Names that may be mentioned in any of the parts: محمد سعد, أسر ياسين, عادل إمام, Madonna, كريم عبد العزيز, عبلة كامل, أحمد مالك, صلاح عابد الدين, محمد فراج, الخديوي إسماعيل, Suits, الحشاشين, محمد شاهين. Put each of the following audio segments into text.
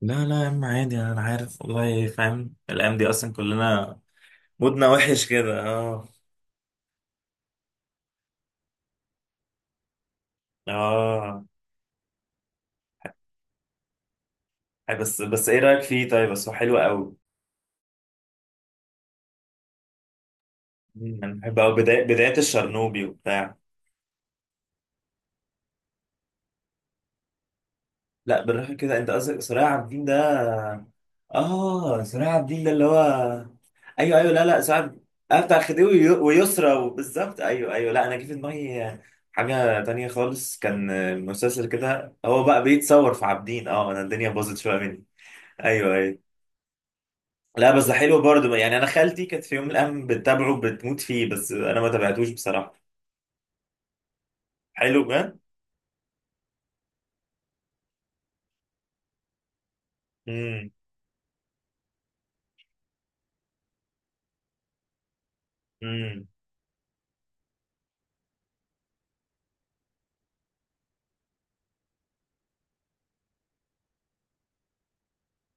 لا لا يا عم، عادي، انا عارف والله، فاهم الايام دي اصلا كلنا مودنا وحش كده. اه، اه، أي بس ايه رايك فيه؟ طيب، بس هو حلو قوي. انا بحب قوي بدايه بدايه الشرنوبي وبتاع. لا بالراحه كده، انت قصدك صلاح عابد الدين ده؟ اه، صلاح عابد الدين ده اللي هو... ايوه ايوه، لا لا، اه بتاع خديوي ويسرى وبالظبط، ايوه ايوه. لا انا جه في دماغي حاجه تانية خالص، كان مسلسل كده، هو بقى بيتصور في عابدين. اه، انا الدنيا باظت شويه مني. ايوه ايوه. لا بس ده حلو برضه يعني، انا خالتي كانت في يوم من الايام بتتابعه بتموت فيه، بس انا ما تابعتوش بصراحه. حلو بجد. امم امم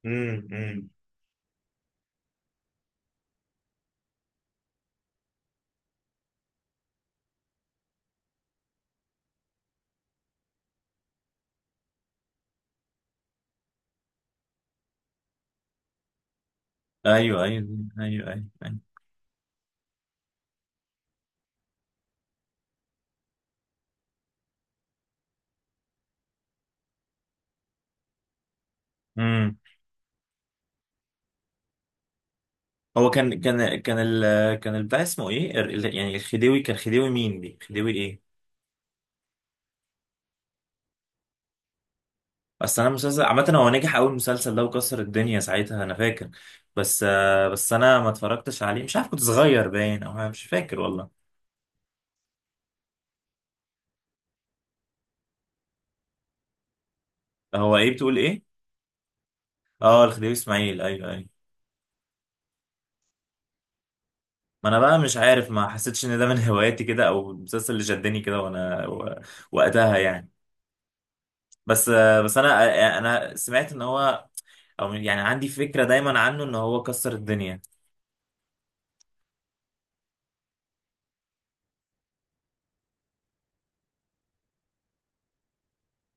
امم امم ايوه ايوه ايوه ايوه ايوه. امم هو كان البتاع اسمه ايه؟ يعني الخديوي كان خديوي مين دي، خديوي ايه؟ اصل انا مسلسل عامه، هو نجح اول مسلسل ده وكسر الدنيا ساعتها، انا فاكر. بس بس انا ما اتفرجتش عليه، مش عارف، كنت صغير باين، او أنا مش فاكر والله. هو ايه؟ بتقول ايه؟ اه، الخديوي اسماعيل، ايوه ايوه. ما انا بقى مش عارف، ما حسيتش ان ده من هواياتي كده، او المسلسل اللي شدني كده، وقتها يعني. بس. بس انا سمعت ان هو، او يعني عندي فكرة دايما عنه ان هو كسر الدنيا.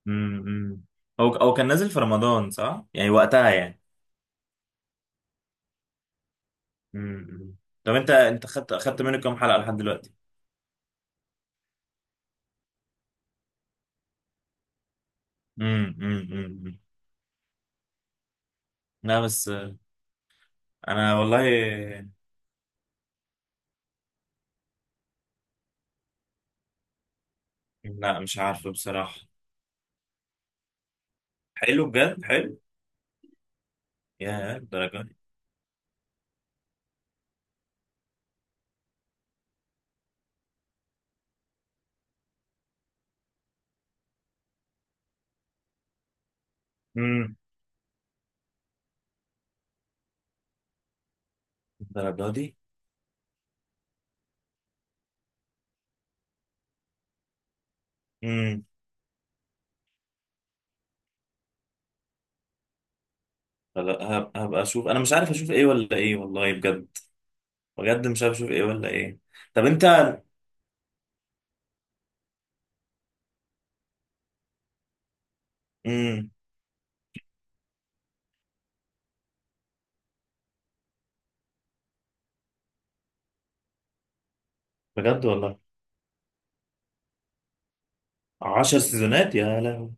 إمم. هو كان نازل في رمضان صح؟ يعني وقتها يعني. إمم. طب انت خدت منه كام حلقة لحد دلوقتي؟ إمم، إمم. لا بس. انا والله. لا مش عارفه بصراحة. حلو بجد، حلو. يا الدرجة دي! امم الدرجة دي؟ إمم. لا، هبقى اشوف، انا مش عارف اشوف ايه ولا ايه والله بجد. بجد، مش عارف اشوف ايه ولا ايه. طب انت... امم بجد والله. عشر سيزونات! يا لهوي!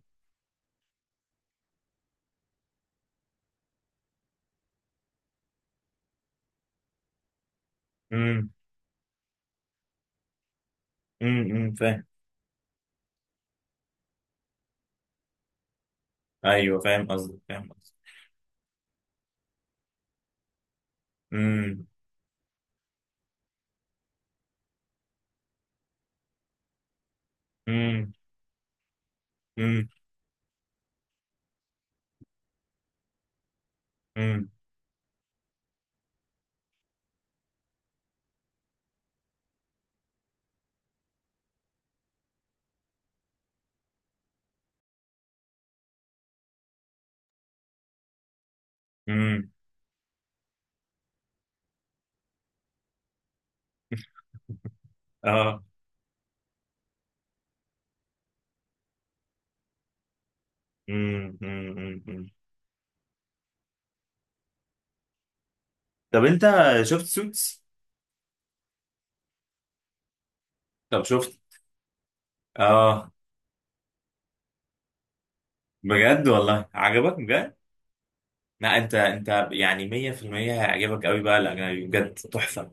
امم فاهم. ايوه فاهم قصدك، فاهم قصدك. امم امم امم امم امم اه. أمم. طب انت شفت سوتس؟ طب شفت؟ اه. بجد والله، عجبك بجد؟ لا، انت يعني 100%، هيعجبك قوي بقى الاجنبي، بجد تحفة.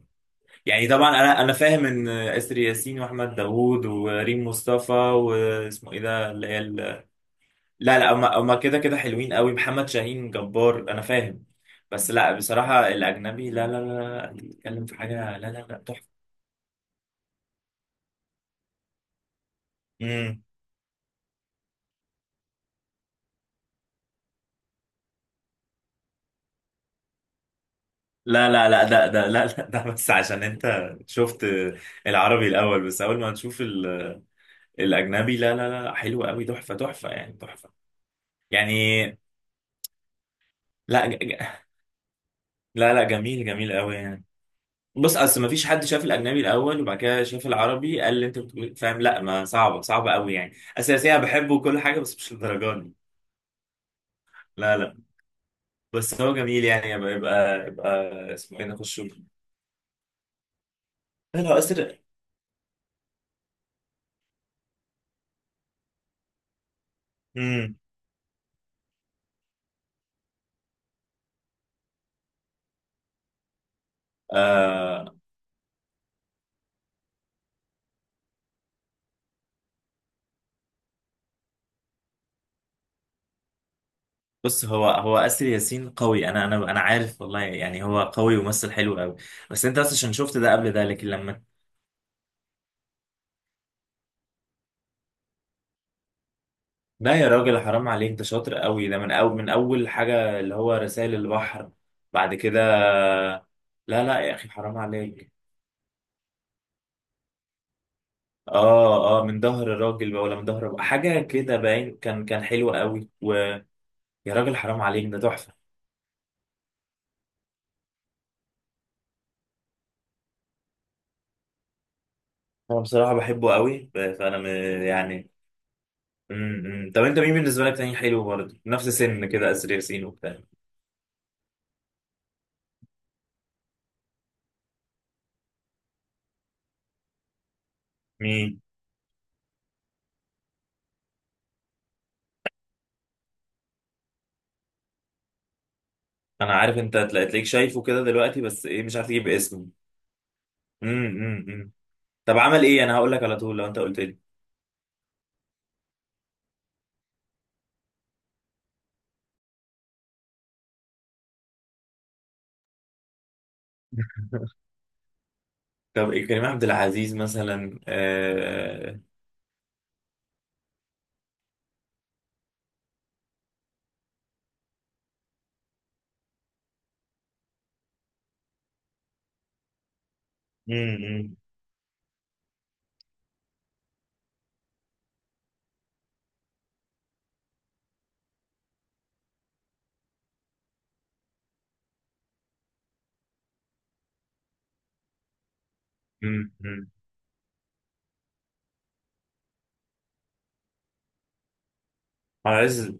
يعني طبعا انا فاهم ان اسر ياسين واحمد داوود وريم مصطفى واسمه ايه ده، اللي هي ال- لا لا، هما كده كده حلوين قوي، محمد شاهين جبار، انا فاهم. بس لا، بصراحة الاجنبي، لا لا لا، انت بتتكلم في حاجة، لا لا لا، تحفة. امم لا لا لا، ده، لا لا، ده بس عشان انت شفت العربي الاول، بس اول ما تشوف ال- الاجنبي، لا لا لا، حلو قوي، تحفة تحفة يعني، تحفة يعني. لا لا لا، جميل جميل قوي يعني. بص، اصل ما فيش حد شاف الاجنبي الاول وبعد كده شاف العربي قال اللي انت بتقول إيه؟ فاهم؟ لا ما صعبه، صعبه قوي يعني، اساسيا بحبه وكل حاجه بس مش للدرجه دي. لا لا. بس هو جميل يعني، يبقى. اسمه ايه؟ نخش. لا، هو اسر. امم آه بص، هو اسر ياسين قوي، انا عارف والله يعني، هو قوي وممثل حلو قوي. بس انت اصلا عشان شفت ده قبل ده، لكن لما... لا يا راجل حرام عليك، ده شاطر قوي، ده من اول حاجه اللي هو رسائل البحر، بعد كده. لا لا يا اخي حرام عليك. اه اه، من ظهر الراجل بقى، ولا من ظهر بقى. حاجه كده باين، كان حلو قوي. ويا راجل حرام عليك، ده تحفه. انا بصراحه بحبه قوي، فانا يعني. إمم. طب انت مين بالنسبه لك تاني حلو برضه نفس سن كده اسر ياسين وبتاع؟ مين؟ انا عارف انت تلاقيك شايفه كده دلوقتي، بس ايه، مش عارف تجيب اسمه. إمم، إمم. طب عمل ايه؟ انا هقول لك على طول لو انت قلت لي. طب إيه، كريم عبد العزيز مثلا، امم عز.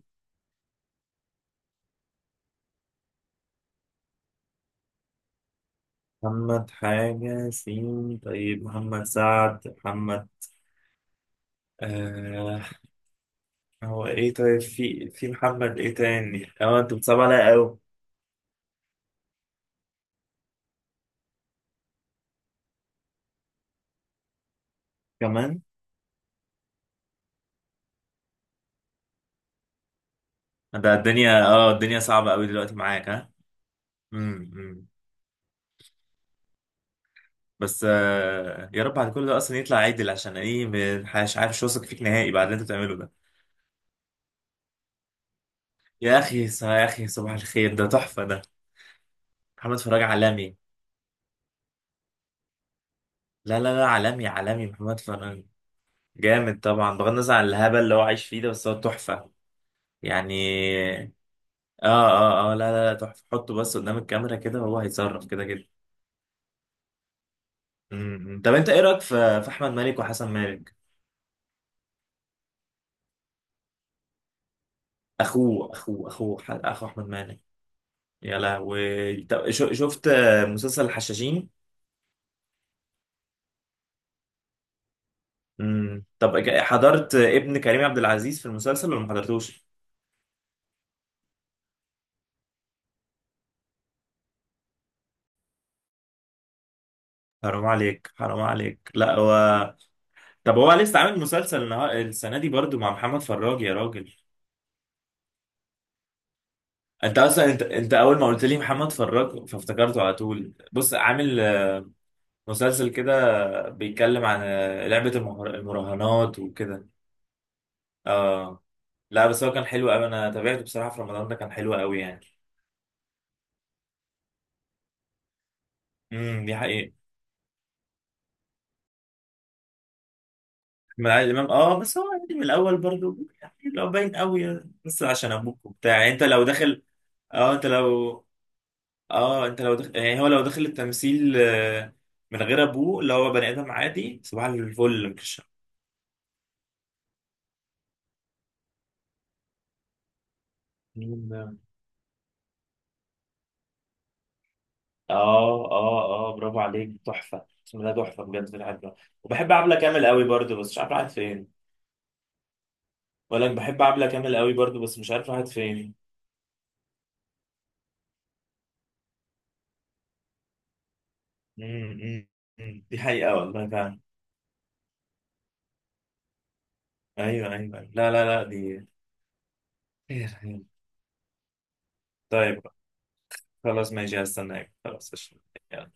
محمد حاجة سين؟ طيب محمد سعد، محمد... آه هو ايه؟ طيب في محمد ايه تاني؟ اه، انت بتصعب عليا قوي، كمان. ده الدنيا، الدنيا صعبة قوي دلوقتي معاك، ها. امم بس يا رب على كل ده اصلا يطلع عدل، عشان ايه؟ مش عارف، مش واثق فيك نهائي بعد اللي انت بتعمله ده. يا اخي يا اخي صباح الخير، ده تحفة ده. محمد فراج عالمي. لا لا لا، عالمي، عالمي محمد فراج. جامد طبعا، بغض النظر عن الهبل اللي هو عايش فيه ده، بس هو تحفة يعني. اه اه اه، لا لا لا، تحفة. حطه بس قدام الكاميرا كده وهو هيتصرف كده كده. طب انت ايه رايك في احمد مالك وحسن مالك؟ اخو احمد مالك. يا لهوي! طب شفت مسلسل الحشاشين؟ طب حضرت ابن كريم عبد العزيز في المسلسل ولا ما حضرتوش؟ حرام عليك، حرام عليك، لا هو... طب هو لسه عامل مسلسل السنه دي برضو مع محمد فراج، يا راجل. انت اصلا، انت اول ما قلت لي محمد فراج فافتكرته على طول. بص عامل مسلسل كده بيتكلم عن لعبة المراهنات وكده. اه. لا بس هو كان حلو قوي، انا تابعته بصراحة في رمضان، ده كان حلو قوي يعني. دي حقيقة. من عادل امام، اه، بس هو يعني من الاول برضو يعني، لو باين قوي يعني، بس عشان ابوك وبتاع، يعني انت لو داخل... اه انت لو... اه انت لو داخل يعني، هو لو داخل التمثيل، من غير ابوه، اللي هو بني ادم عادي، صباح الفل، مش... اه اه اه، برافو عليك، تحفه اسمه ده، تحفه بجد في الحاجة. وبحب عبله كامل قوي برضه، بس مش عارف راحت فين. ولا بحب عبله كامل قوي برضه، بس مش عارف راحت فين. مم، مم، مم. دي حقيقه والله فعلا. ايوه ايوه أيوة. لا لا لا، دي... خير خير. طيب، خلاص ماشي، هستناك، خلاص، قشطة. يلا.